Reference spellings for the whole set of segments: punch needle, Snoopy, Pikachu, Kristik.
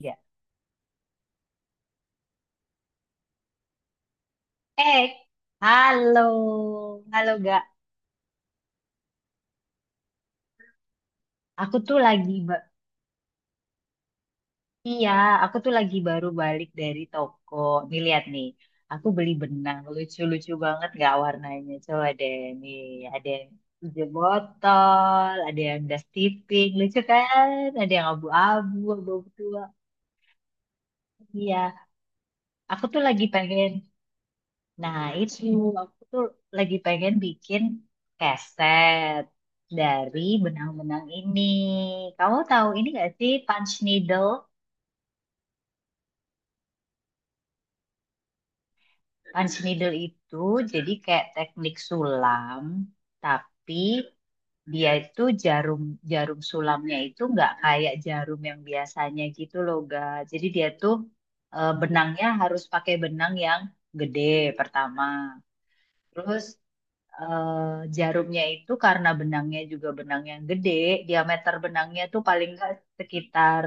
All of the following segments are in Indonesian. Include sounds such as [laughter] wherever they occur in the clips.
Ya. Eh, Halo, halo gak? Aku tuh lagi, ba- Iya, aku tuh lagi baru balik dari toko. Nih lihat nih, aku beli benang lucu-lucu banget gak warnanya? Coba deh, nih ada yang hijau botol, ada yang das tipik, lucu kan? Ada yang abu-abu, abu-abu tua. Iya, aku tuh lagi pengen. Nah, itu aku tuh lagi pengen bikin keset dari benang-benang ini. Kamu tahu ini gak sih punch needle? Punch needle itu jadi kayak teknik sulam, tapi dia itu jarum jarum sulamnya itu nggak kayak jarum yang biasanya gitu loh, ga. Jadi dia tuh benangnya harus pakai benang yang gede pertama. Terus eh, jarumnya itu karena benangnya juga benang yang gede, diameter benangnya tuh paling nggak sekitar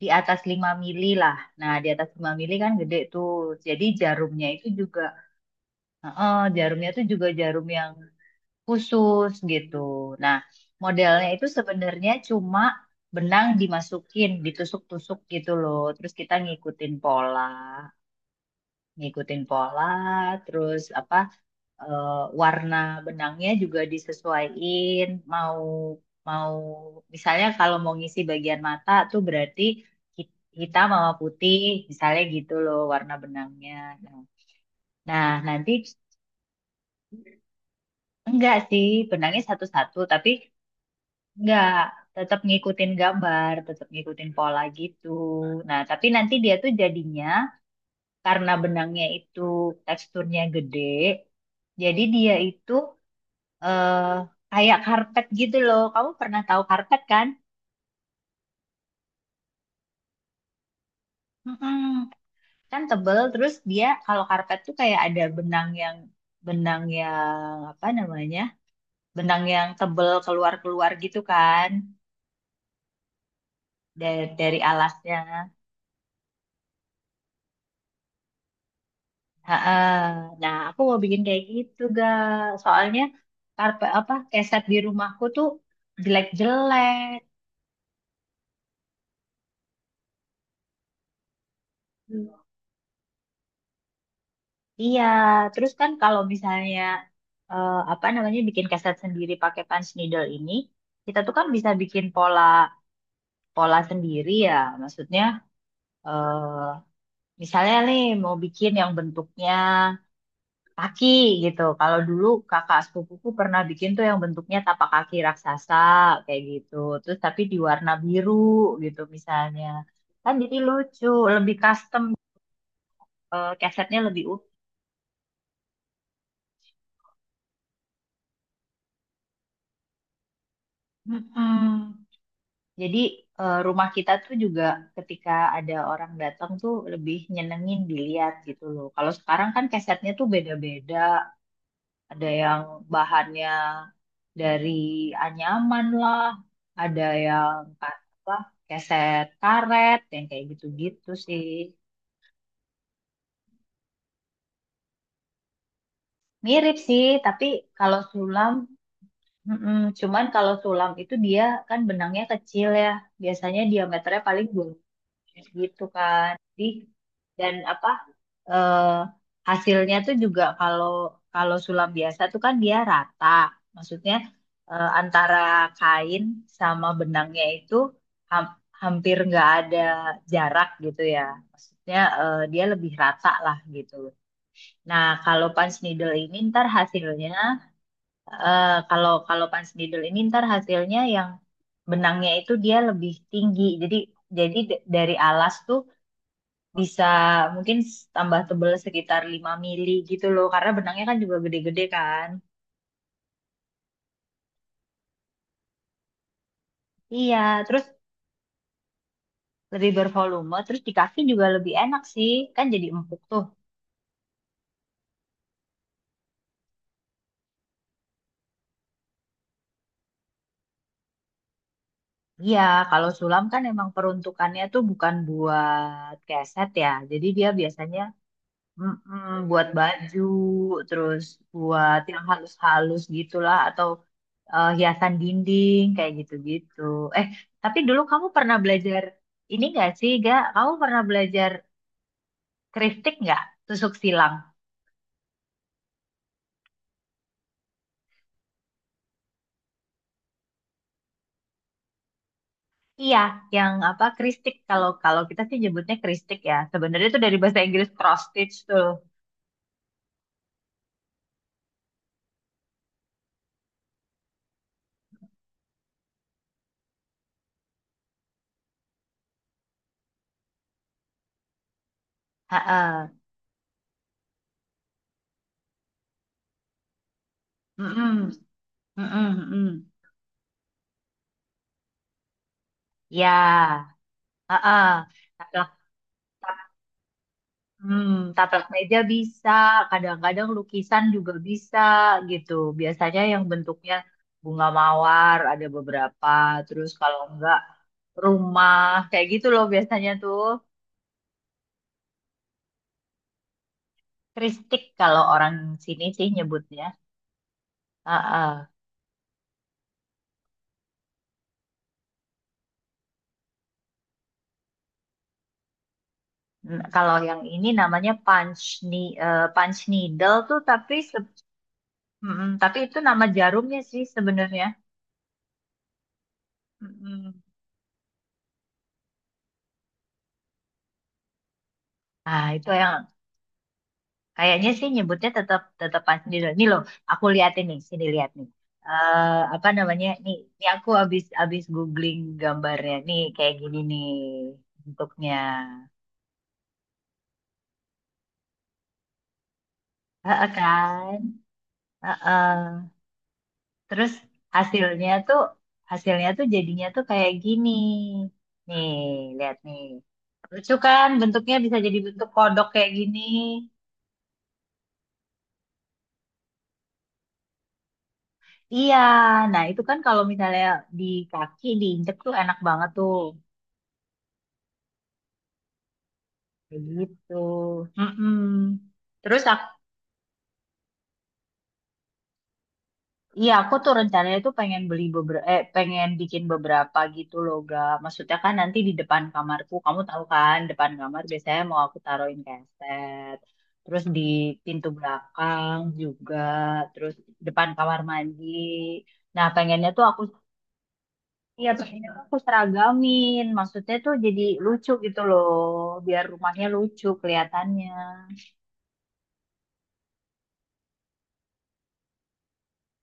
di atas 5 mm lah. Nah, di atas 5 mm kan gede tuh. Jadi jarumnya itu juga, heeh, jarumnya tuh juga jarum yang khusus gitu. Nah, modelnya itu sebenarnya cuma benang dimasukin, ditusuk-tusuk gitu loh. Terus kita ngikutin pola, terus apa? eh, Warna benangnya juga disesuaiin mau mau misalnya kalau mau ngisi bagian mata tuh berarti hitam sama putih misalnya gitu loh warna benangnya nah, nah, nanti enggak sih benangnya satu-satu tapi enggak, tetap ngikutin gambar tetap ngikutin pola gitu. Nah tapi nanti dia tuh jadinya karena benangnya itu teksturnya gede jadi dia itu eh kayak karpet gitu loh. Kamu pernah tahu karpet kan? Mm-mm. Kan tebel, terus dia kalau karpet tuh kayak ada benang yang apa namanya? Benang yang tebel keluar-keluar gitu kan dari alasnya. ha Nah, aku mau bikin kayak gitu, ga. Soalnya karpet apa keset di rumahku tuh jelek-jelek. Iya, terus kan kalau misalnya apa namanya bikin keset sendiri pakai punch needle ini, kita tuh kan bisa bikin pola pola sendiri ya. Maksudnya eh misalnya nih mau bikin yang bentuknya kaki gitu. Kalau dulu kakak sepupuku pernah bikin tuh yang bentuknya tapak kaki raksasa kayak gitu. Terus tapi di warna biru gitu misalnya. Kan jadi lucu, lebih custom, kesetnya lebih utuh. Mm-mm. Jadi rumah kita tuh juga ketika ada orang datang tuh lebih nyenengin dilihat gitu loh. Kalau sekarang kan kesetnya tuh beda-beda. Ada yang bahannya dari anyaman lah, ada yang apa keset karet yang kayak gitu-gitu sih. Mirip sih, tapi kalau sulam, mm-mm, cuman kalau sulam itu dia kan benangnya kecil ya. Biasanya diameternya paling dua gitu kan di, dan apa eh, hasilnya tuh juga kalau kalau sulam biasa tuh kan dia rata maksudnya antara kain sama benangnya itu ham- hampir nggak ada jarak gitu ya maksudnya dia lebih rata lah gitu. Nah kalau punch needle ini ntar hasilnya eh, kalau kalau punch needle ini ntar hasilnya yang benangnya itu dia lebih tinggi jadi dari alas tuh bisa mungkin tambah tebel sekitar 5 mm gitu loh karena benangnya kan juga gede-gede kan. Iya terus lebih bervolume terus di kaki juga lebih enak sih kan jadi empuk tuh. Iya kalau sulam kan emang peruntukannya tuh bukan buat keset ya jadi dia biasanya mm-mm, buat baju terus buat yang halus-halus gitulah atau hiasan dinding kayak gitu-gitu. eh tapi dulu kamu pernah belajar ini gak sih, Ga? Kamu pernah belajar Kristik nggak? Tusuk silang. Iya, yang apa kristik kalau kalau kita sih nyebutnya kristik ya. Sebenarnya itu dari bahasa Inggris cross stitch tuh. Heeh. Mm-mm. Mm-mm. Mm-mm. Ya. Heeh. Taplak, tap- hmm, taplak meja bisa, kadang-kadang lukisan juga bisa gitu. Biasanya yang bentuknya bunga mawar ada beberapa, terus kalau enggak rumah kayak gitu loh biasanya tuh. Kristik kalau orang sini sih nyebutnya. Ah, ah. Kalau yang ini namanya ni punch needle tuh tapi tapi itu nama jarumnya sih sebenarnya. Mm-mm. Nah, itu yang kayaknya sih nyebutnya tetap tetap punch needle. Nih loh, aku lihat ini, sini lihat nih. Eh, apa namanya? Nih, nih aku habis habis googling gambarnya. Nih kayak gini nih bentuknya. Heeh kan? Heeh. Terus hasilnya tuh hasilnya tuh jadinya tuh kayak gini. Nih, lihat nih. Lucu kan bentuknya bisa jadi bentuk kodok kayak gini. Iya, nah itu kan kalau misalnya di kaki diinjek tuh enak banget tuh. Kayak gitu. Mm-mm. Terus iya, aku tuh rencananya tuh pengen beli beberapa, eh, pengen bikin beberapa gitu loh, ga. Maksudnya kan nanti di depan kamarku, kamu tahu kan, depan kamar biasanya mau aku taruhin keset, terus di pintu belakang juga, terus depan kamar mandi. Nah, pengennya tuh aku, iya Pengennya tuh aku seragamin, maksudnya tuh jadi lucu gitu loh, biar rumahnya lucu kelihatannya.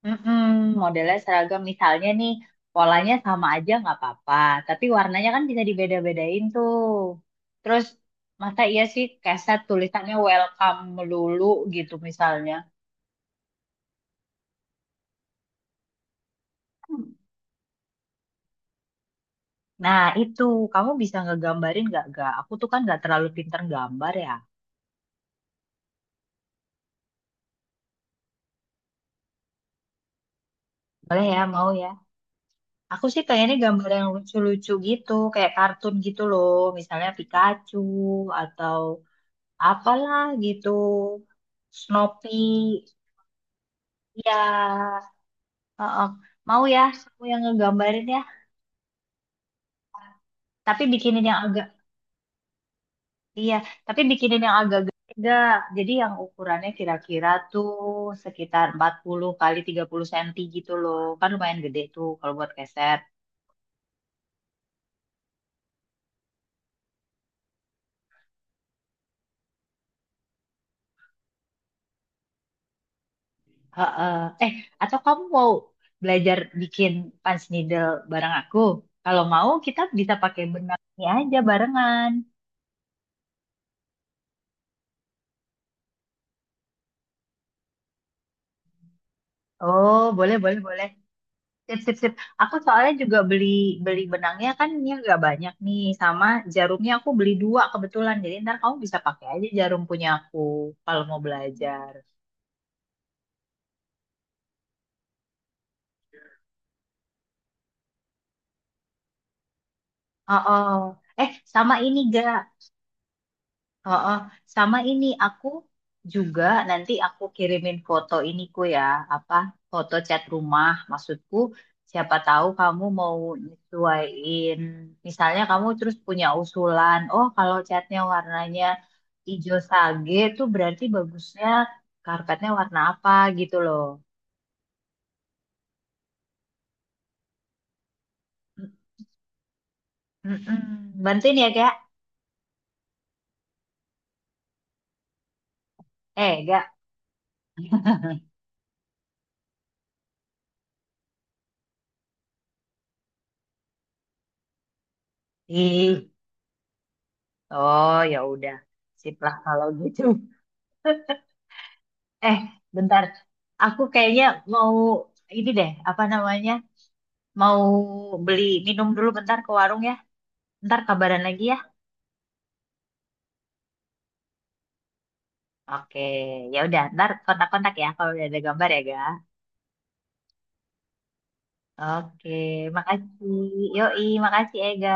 Mm-mm, modelnya seragam misalnya nih polanya sama aja nggak apa-apa, tapi warnanya kan bisa dibeda-bedain tuh. Terus masa iya sih keset tulisannya welcome melulu gitu misalnya. Nah itu kamu bisa ngegambarin nggak gak? Aku tuh kan nggak terlalu pinter gambar ya. Boleh ya mau ya. Aku sih pengennya gambar yang lucu-lucu gitu, kayak kartun gitu loh, misalnya Pikachu atau apalah gitu, Snoopy. Ya, heeh. Mau ya, kamu yang ngegambarin ya. Tapi bikinin yang agak, iya. Tapi bikinin yang agak gede. Jadi yang ukurannya kira-kira tuh sekitar 40 x 30 cm gitu loh. Kan lumayan gede tuh kalau buat keset. Heeh. Eh, atau kamu mau belajar bikin punch needle bareng aku? Kalau mau, kita bisa pakai benang ini aja barengan. Oh, boleh, boleh, boleh. Sip, sip, sip. Aku soalnya juga beli beli benangnya kan ini nggak banyak nih, sama jarumnya aku beli dua kebetulan. Jadi ntar kamu bisa pakai aja jarum punya aku kalau mau belajar. Oh, oh. Eh, sama ini gak? Heeh, sama ini aku juga nanti aku kirimin foto iniku ya, apa foto cat rumah. Maksudku, siapa tahu kamu mau nyesuaiin. Misalnya kamu terus punya usulan, oh kalau catnya warnanya hijau sage tuh berarti bagusnya karpetnya warna apa gitu loh. Mm-mm. Bantuin ya, Kak? Eh, Kak. [laughs] Ih, oh ya udah. Sip lah kalau gitu. Eh, bentar. Aku kayaknya mau ini deh, apa namanya? Mau beli minum dulu bentar ke warung ya. Ntar kabaran lagi ya. Oke, ya udah. Ntar kontak-kontak ya kalau udah ada gambar ya, Ga. Oke, makasih. Yoi, makasih Ega.